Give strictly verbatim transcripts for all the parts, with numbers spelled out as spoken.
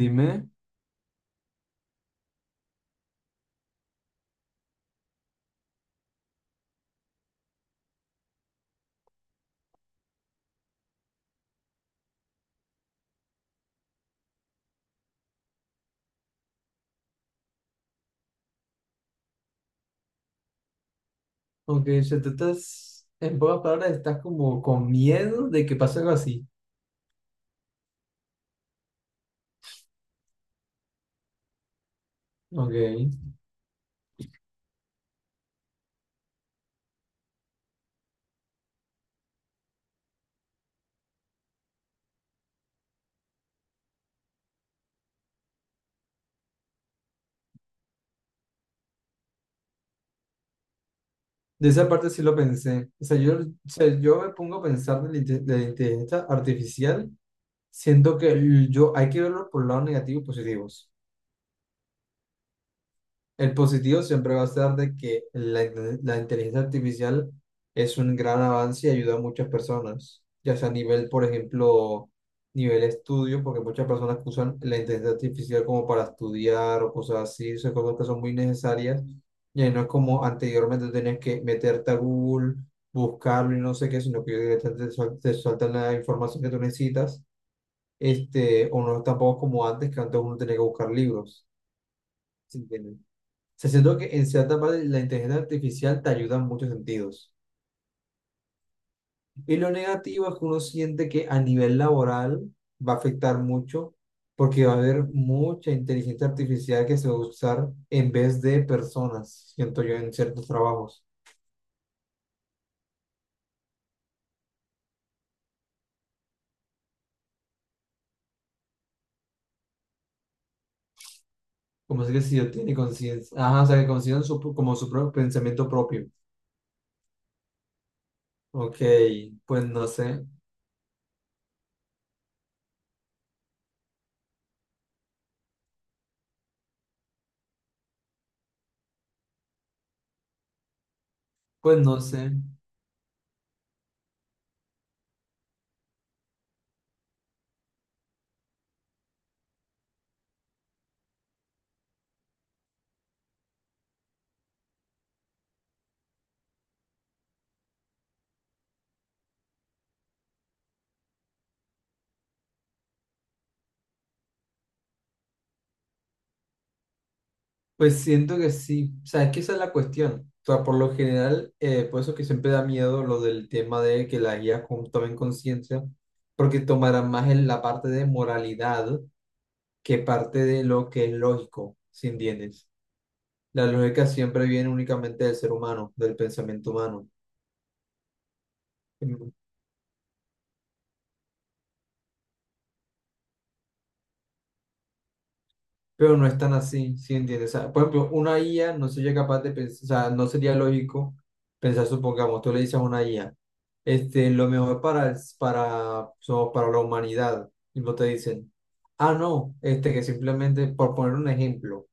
Dime. Ok, o sea, tú estás, en pocas palabras, estás como con miedo de que pase algo así. Ok, de esa parte sí lo pensé. O sea, yo, o sea, yo me pongo a pensar de la, inte- de la inteligencia artificial, siento que yo hay que verlo por el lado negativo y positivos. El positivo siempre va a ser de que la, in- la inteligencia artificial es un gran avance y ayuda a muchas personas, ya sea a nivel, por ejemplo, nivel estudio, porque muchas personas que usan la inteligencia artificial como para estudiar o cosas así, son cosas que son muy necesarias, y ahí no es como anteriormente tenías que meterte a Google, buscarlo y no sé qué, sino que directamente te suel- te sueltan la información que tú necesitas, este, o no tampoco como antes, que antes uno tenía que buscar libros, ¿sí entiendes? Se siento que en cierta parte la inteligencia artificial te ayuda en muchos sentidos. Y lo negativo es que uno siente que a nivel laboral va a afectar mucho porque va a haber mucha inteligencia artificial que se va a usar en vez de personas, siento yo, en ciertos trabajos. Como es que si yo tiene conciencia, ajá, o sea, que consideran su, como su propio pensamiento propio. Ok, pues no sé, pues no sé. Pues siento que sí, o sea, es que esa es la cuestión. O sea, por lo general, eh, por eso que siempre da miedo lo del tema de que las guías tomen conciencia, porque tomarán más en la parte de moralidad que parte de lo que es lógico, ¿si entiendes? La lógica siempre viene únicamente del ser humano, del pensamiento humano. Pero no es tan así, ¿sí entiendes? O sea, por ejemplo, una I A no sería capaz de pensar, o sea, no sería lógico pensar, supongamos, tú le dices a una I A, este, lo mejor para, el- para, so- para la humanidad, y no te dicen, ah, no, este, que simplemente, por poner un ejemplo,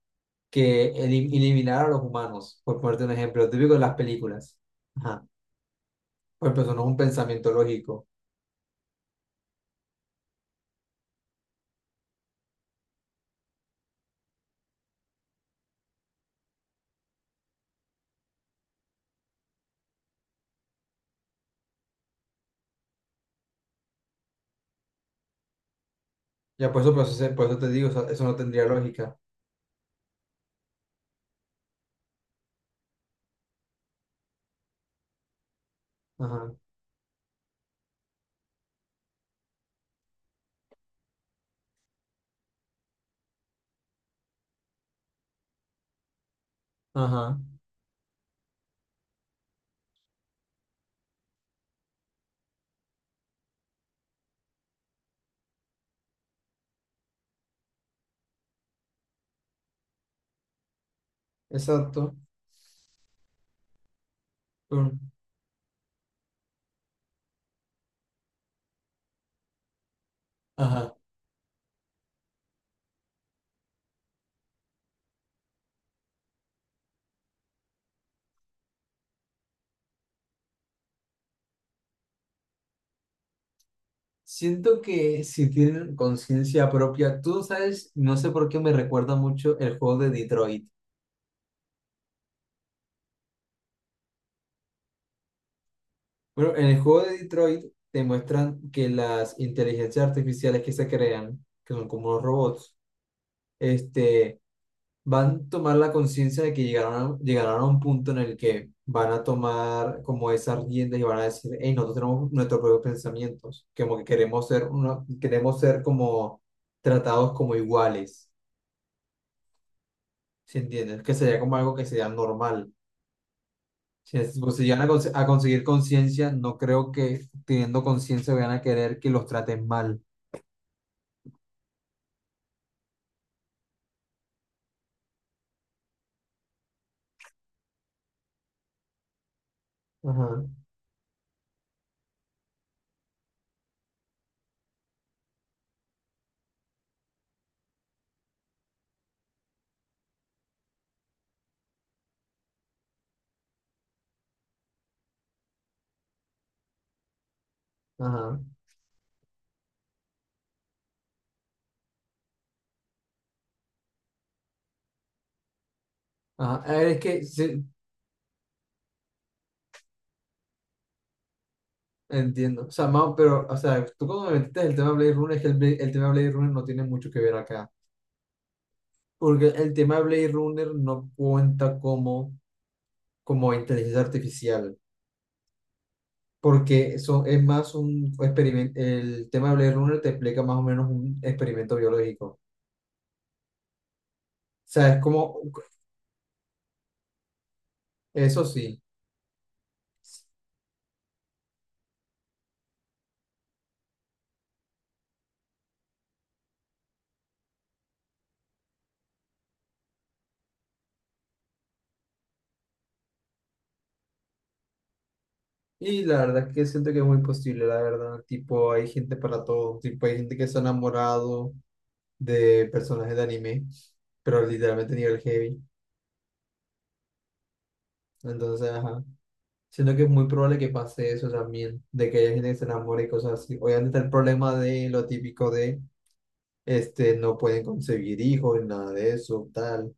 que elim- eliminar a los humanos, por ponerte un ejemplo, típico de las películas, ajá, pues, pues eso no es un pensamiento lógico, ya por eso, por eso, se- por eso te digo, o sea, eso no tendría lógica, ajá, ajá, exacto. Mm, ajá. Siento que si tienen conciencia propia, tú sabes, no sé por qué me recuerda mucho el juego de Detroit. Bueno, en el juego de Detroit te muestran que las inteligencias artificiales que se crean, que son como los robots, este, van a tomar la conciencia de que llegaron a, llegaron a un punto en el que van a tomar como esas riendas y van a decir, hey, nosotros tenemos nuestros propios pensamientos, como que queremos ser, una, queremos ser como tratados como iguales. ¿Si entiendes? Que sería como algo que sería normal. Si, es- pues, si llegan a, cons- a conseguir conciencia, no creo que teniendo conciencia vayan a querer que los traten mal. Ajá, ajá, ajá. A ver, es que sí, entiendo. O sea, Mao, pero, o sea, tú cuando me metiste el tema de Blade Runner, es que el, Bla- el tema de Blade Runner no tiene mucho que ver acá. Porque el tema de Blade Runner no cuenta como, como inteligencia artificial. Porque eso es más un experimento. El tema de Blade Runner te explica más o menos un experimento biológico. O sea, es como, eso sí. Y la verdad es que siento que es muy posible, la verdad, tipo, hay gente para todo, tipo, hay gente que se ha enamorado de personajes de anime, pero literalmente nivel heavy, entonces, ajá, siento que es muy probable que pase eso también, de que haya gente que se enamore y cosas así, obviamente está el problema de lo típico de, este, no pueden concebir hijos, nada de eso, tal,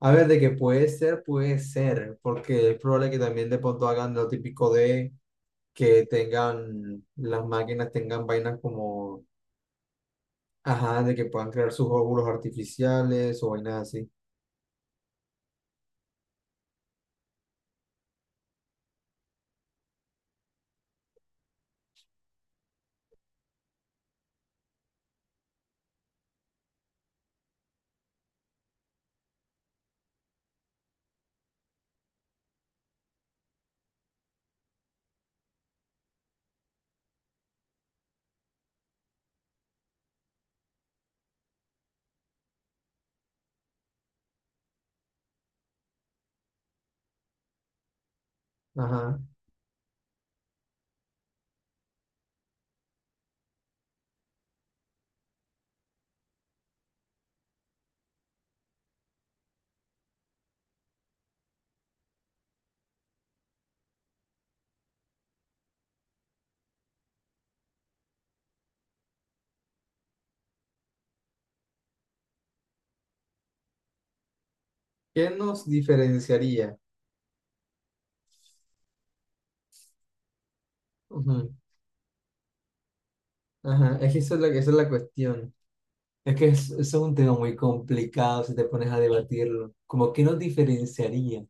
a ver, de que puede ser, puede ser, porque es probable que también de pronto hagan lo típico de que tengan, las máquinas tengan vainas como, ajá, de que puedan crear sus óvulos artificiales o vainas así. Ajá. ¿Qué nos diferenciaría? Ujú. Ajá, es que esa es la, esa es la cuestión. Es que es, eso es un tema muy complicado si te pones a debatirlo. Como qué nos diferenciaría.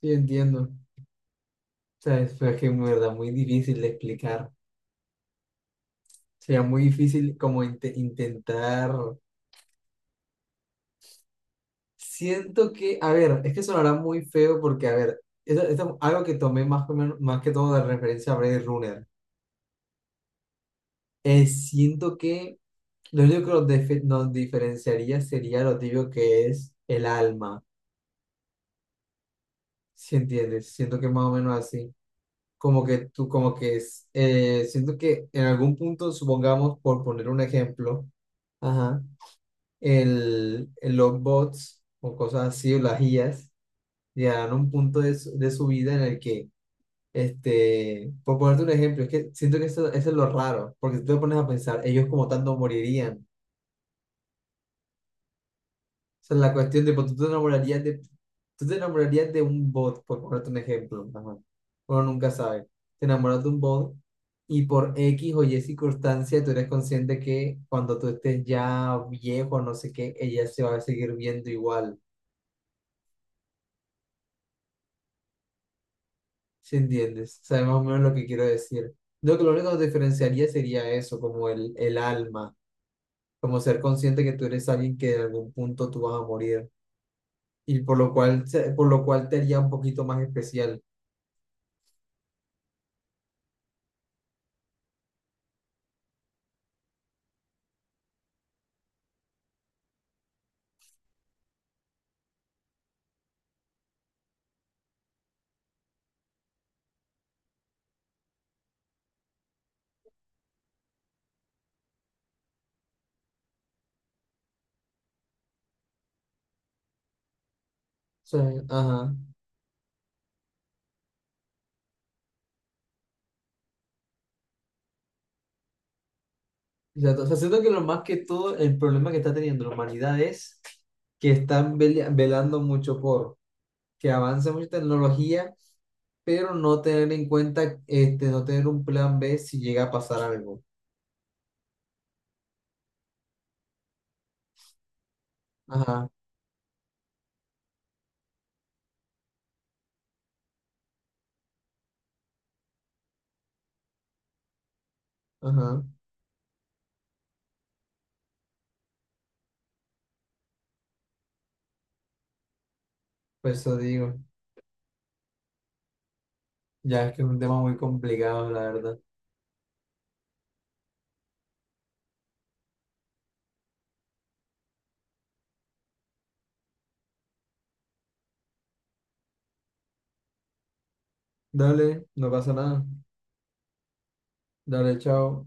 Sí, entiendo. O sea, es, fue que en verdad muy difícil de explicar. Sería muy difícil como inte- intentar. Siento que, a ver, es que sonará muy feo porque, a ver, esto, esto es algo que tomé más, que menos- más que todo de referencia a Blade Runner. Eh, siento que lo único que nos, defe- nos diferenciaría sería lo tibio que es el alma, ¿si entiendes? Siento que más o menos así. Como que tú, como que es, eh, siento que en algún punto, supongamos, por poner un ejemplo, ajá. El, el- los bots o cosas así, o las I As, llegarán a un punto de su, de su vida en el que este, por ponerte un ejemplo, es que siento que eso, eso es lo raro, porque si tú te pones a pensar, ellos como tanto morirían. O sea, la cuestión de, pues, tú te enamorarías de, tú te enamorarías de un bot, por ponerte un ejemplo, ajá. Uno nunca sabe. Te enamoras de un bot y por X o Y circunstancia tú eres consciente que cuando tú estés ya viejo, no sé qué, ella se va a seguir viendo igual. ¿Sí entiendes? Sabes más o menos lo que quiero decir. Yo creo que lo único que nos diferenciaría sería eso, como el, el alma como ser consciente que tú eres alguien que en algún punto tú vas a morir y por lo cual, se- por lo cual te haría un poquito más especial. O sea, ajá. Exacto. O sea, siento que lo más que todo, el problema que está teniendo la humanidad es que están vele- velando mucho por que avance mucha tecnología, pero no tener en cuenta, este, no tener un plan B si llega a pasar algo. Ajá, ajá. Por eso digo, ya es que es un tema muy complicado, la verdad. Dale, no pasa nada. Dale, chao.